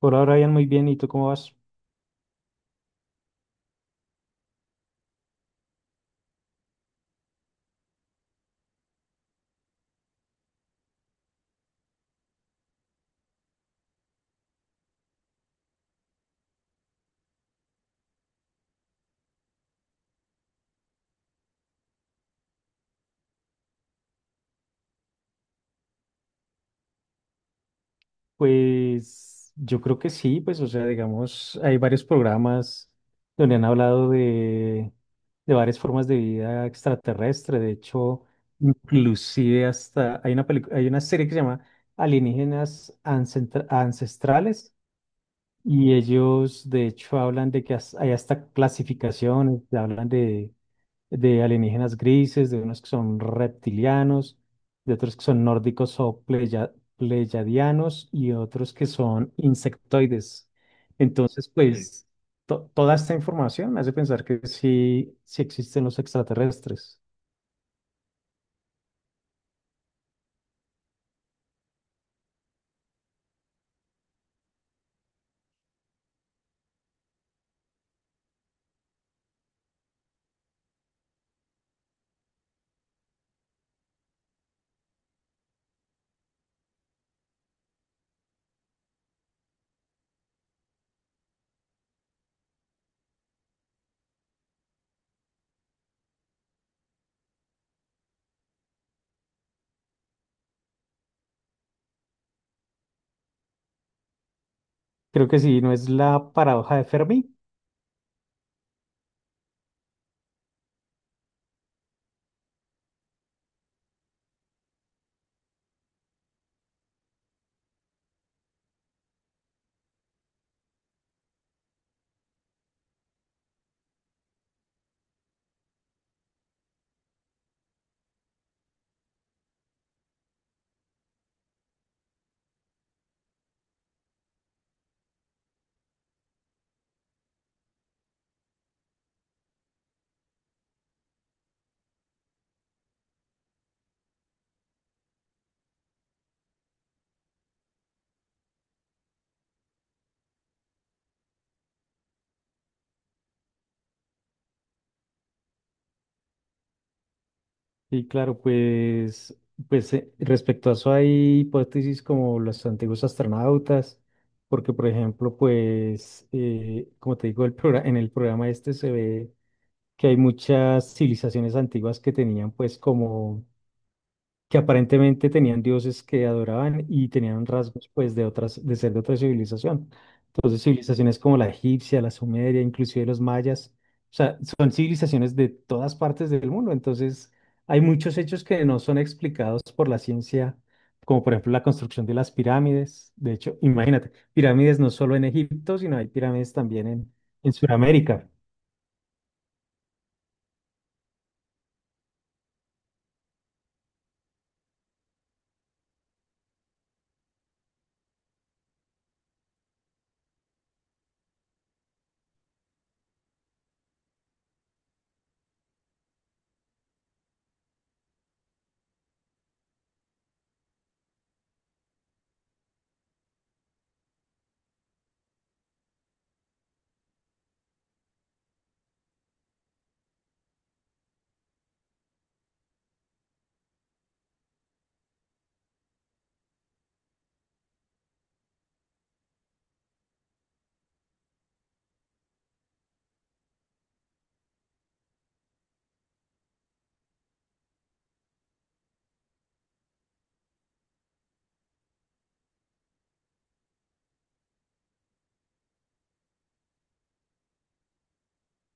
Por ahora, Ian, muy bien. ¿Y tú cómo vas? Pues yo creo que sí, pues o sea, digamos, hay varios programas donde han hablado de varias formas de vida extraterrestre. De hecho, inclusive hasta hay una película, hay una serie que se llama Ancestrales, y ellos de hecho hablan de que hay hasta clasificaciones, hablan de alienígenas grises, de unos que son reptilianos, de otros que son nórdicos o pleyadianos y otros que son insectoides. Entonces, pues, toda esta información me hace pensar que sí, sí existen los extraterrestres. Creo que sí, ¿no es la paradoja de Fermi? Sí, claro, pues, pues respecto a eso hay hipótesis como los antiguos astronautas, porque por ejemplo, pues, como te digo, el en el programa este se ve que hay muchas civilizaciones antiguas que tenían pues como que aparentemente tenían dioses que adoraban y tenían rasgos pues de otras, de ser de otra civilización. Entonces, civilizaciones como la egipcia, la sumeria, inclusive los mayas, o sea, son civilizaciones de todas partes del mundo. Entonces, hay muchos hechos que no son explicados por la ciencia, como por ejemplo la construcción de las pirámides. De hecho, imagínate, pirámides no solo en Egipto, sino hay pirámides también en Sudamérica.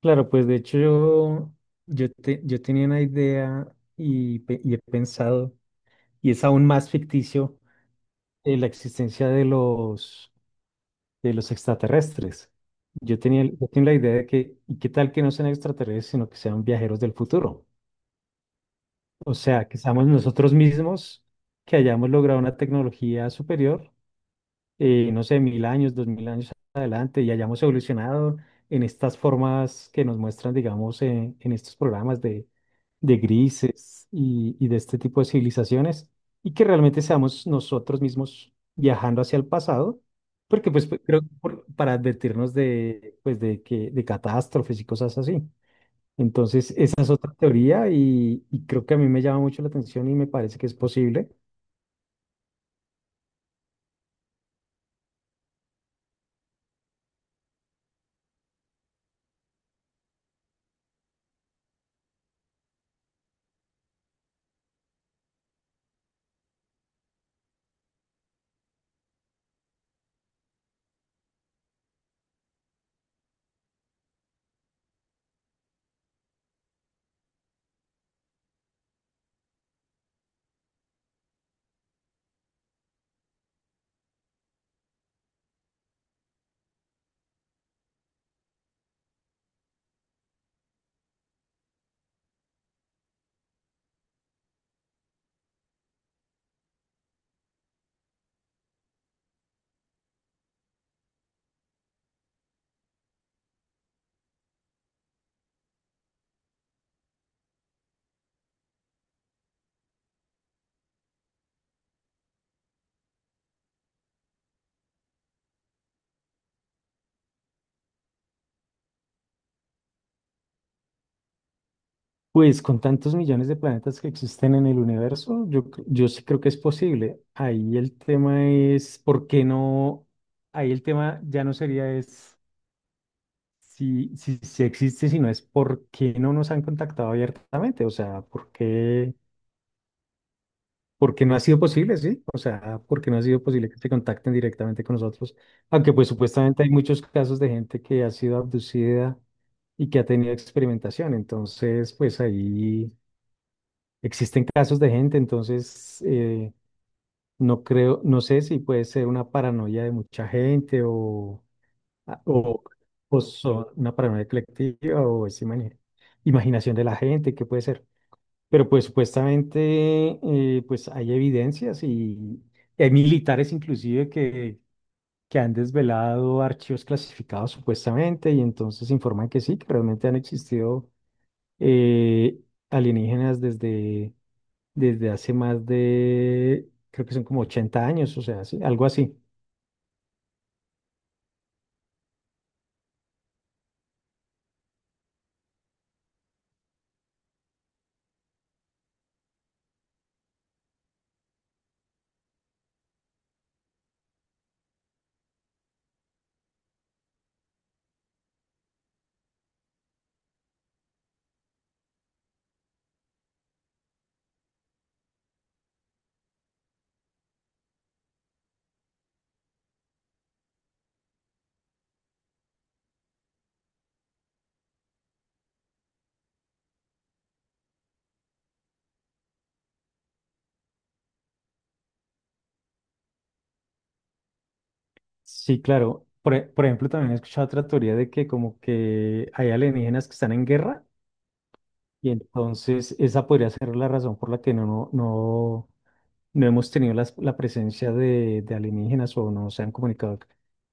Claro, pues de hecho yo, yo tenía una idea y he pensado y es aún más ficticio, la existencia de de los extraterrestres. Yo tenía la idea de que, ¿y qué tal que no sean extraterrestres, sino que sean viajeros del futuro? O sea, que seamos nosotros mismos, que hayamos logrado una tecnología superior, no sé, 1.000 años, 2.000 años adelante, y hayamos evolucionado en estas formas que nos muestran, digamos, en estos programas de grises y de este tipo de civilizaciones, y que realmente seamos nosotros mismos viajando hacia el pasado, porque pues creo que para advertirnos de, pues, de, que, de catástrofes y cosas así. Entonces, esa es otra teoría y creo que a mí me llama mucho la atención y me parece que es posible. Pues con tantos millones de planetas que existen en el universo, yo, yo sí creo que es posible. Ahí el tema es, ¿por qué no? Ahí el tema ya no sería es si existe, sino es por qué no nos han contactado abiertamente. O sea, por qué no ha sido posible, sí? O sea, ¿por qué no ha sido posible que se contacten directamente con nosotros? Aunque pues supuestamente hay muchos casos de gente que ha sido abducida y que ha tenido experimentación. Entonces, pues ahí... Existen casos de gente, entonces no creo, no sé si puede ser una paranoia de mucha gente a- o, o una paranoia colectiva o es imaginación de la gente, qué puede ser. Pero pues supuestamente pues hay evidencias y hay militares inclusive que han desvelado archivos clasificados supuestamente y entonces informan que sí, que realmente han existido, eh, alienígenas desde hace más de, creo que son como 80 años, o sea, sí, algo así. Sí, claro. Por, por ejemplo, también he escuchado otra teoría de que como que hay alienígenas que están en guerra, y entonces esa podría ser la razón por la que no hemos tenido presencia de alienígenas o no se han comunicado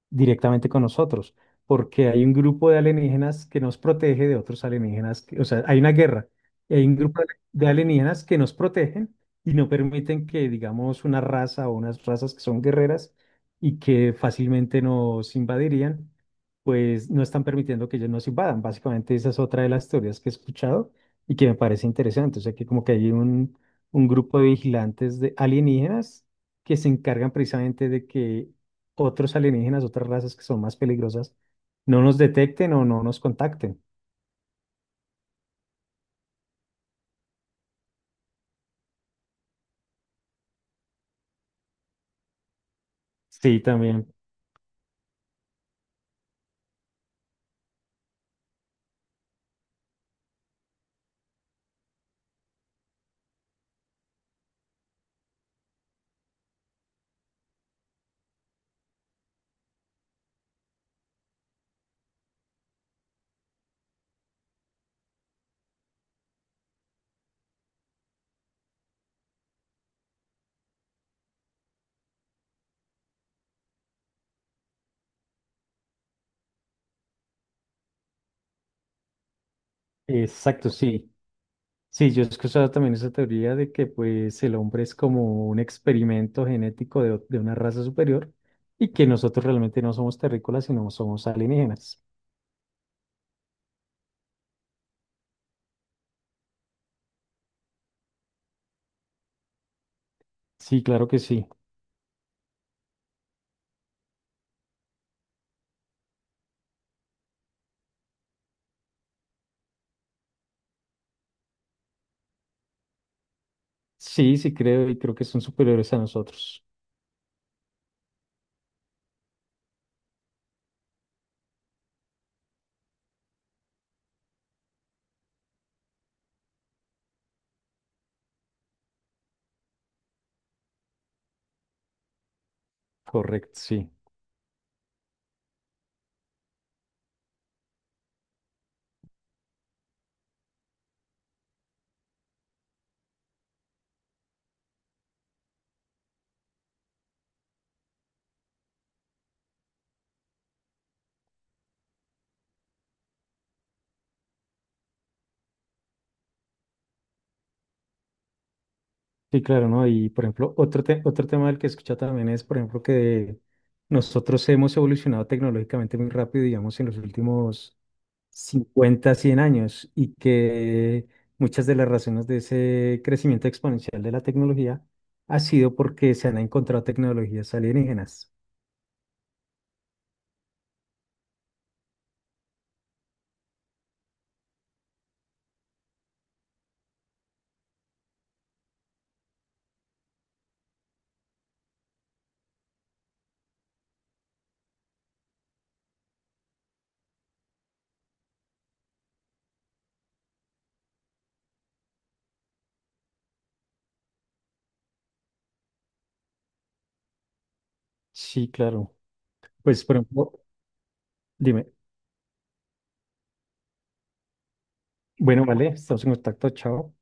directamente con nosotros, porque hay un grupo de alienígenas que nos protege de otros alienígenas, que- o sea, hay una guerra, y hay un grupo de alienígenas que nos protegen y no permiten que, digamos, una raza o unas razas que son guerreras y que fácilmente nos invadirían, pues no están permitiendo que ellos nos invadan. Básicamente esa es otra de las teorías que he escuchado y que me parece interesante, o sea, que como que hay un grupo de vigilantes de alienígenas que se encargan precisamente de que otros alienígenas, otras razas que son más peligrosas, no nos detecten o no nos contacten. Sí, también. Exacto, sí. Sí, yo he escuchado también esa teoría de que pues el hombre es como un experimento genético de, de una raza superior, y que nosotros realmente no somos terrícolas, sino somos alienígenas. Sí, claro que sí. Sí, sí creo y creo que son superiores a nosotros. Correcto, sí. Sí, claro, ¿no? Y por ejemplo, otro, otro tema del que he escuchado también es, por ejemplo, que nosotros hemos evolucionado tecnológicamente muy rápido, digamos, en los últimos 50, 100 años, y que muchas de las razones de ese crecimiento exponencial de la tecnología ha sido porque se han encontrado tecnologías alienígenas. Sí, claro. Pues, por ejemplo, dime, bueno, vale, estamos en contacto, chao.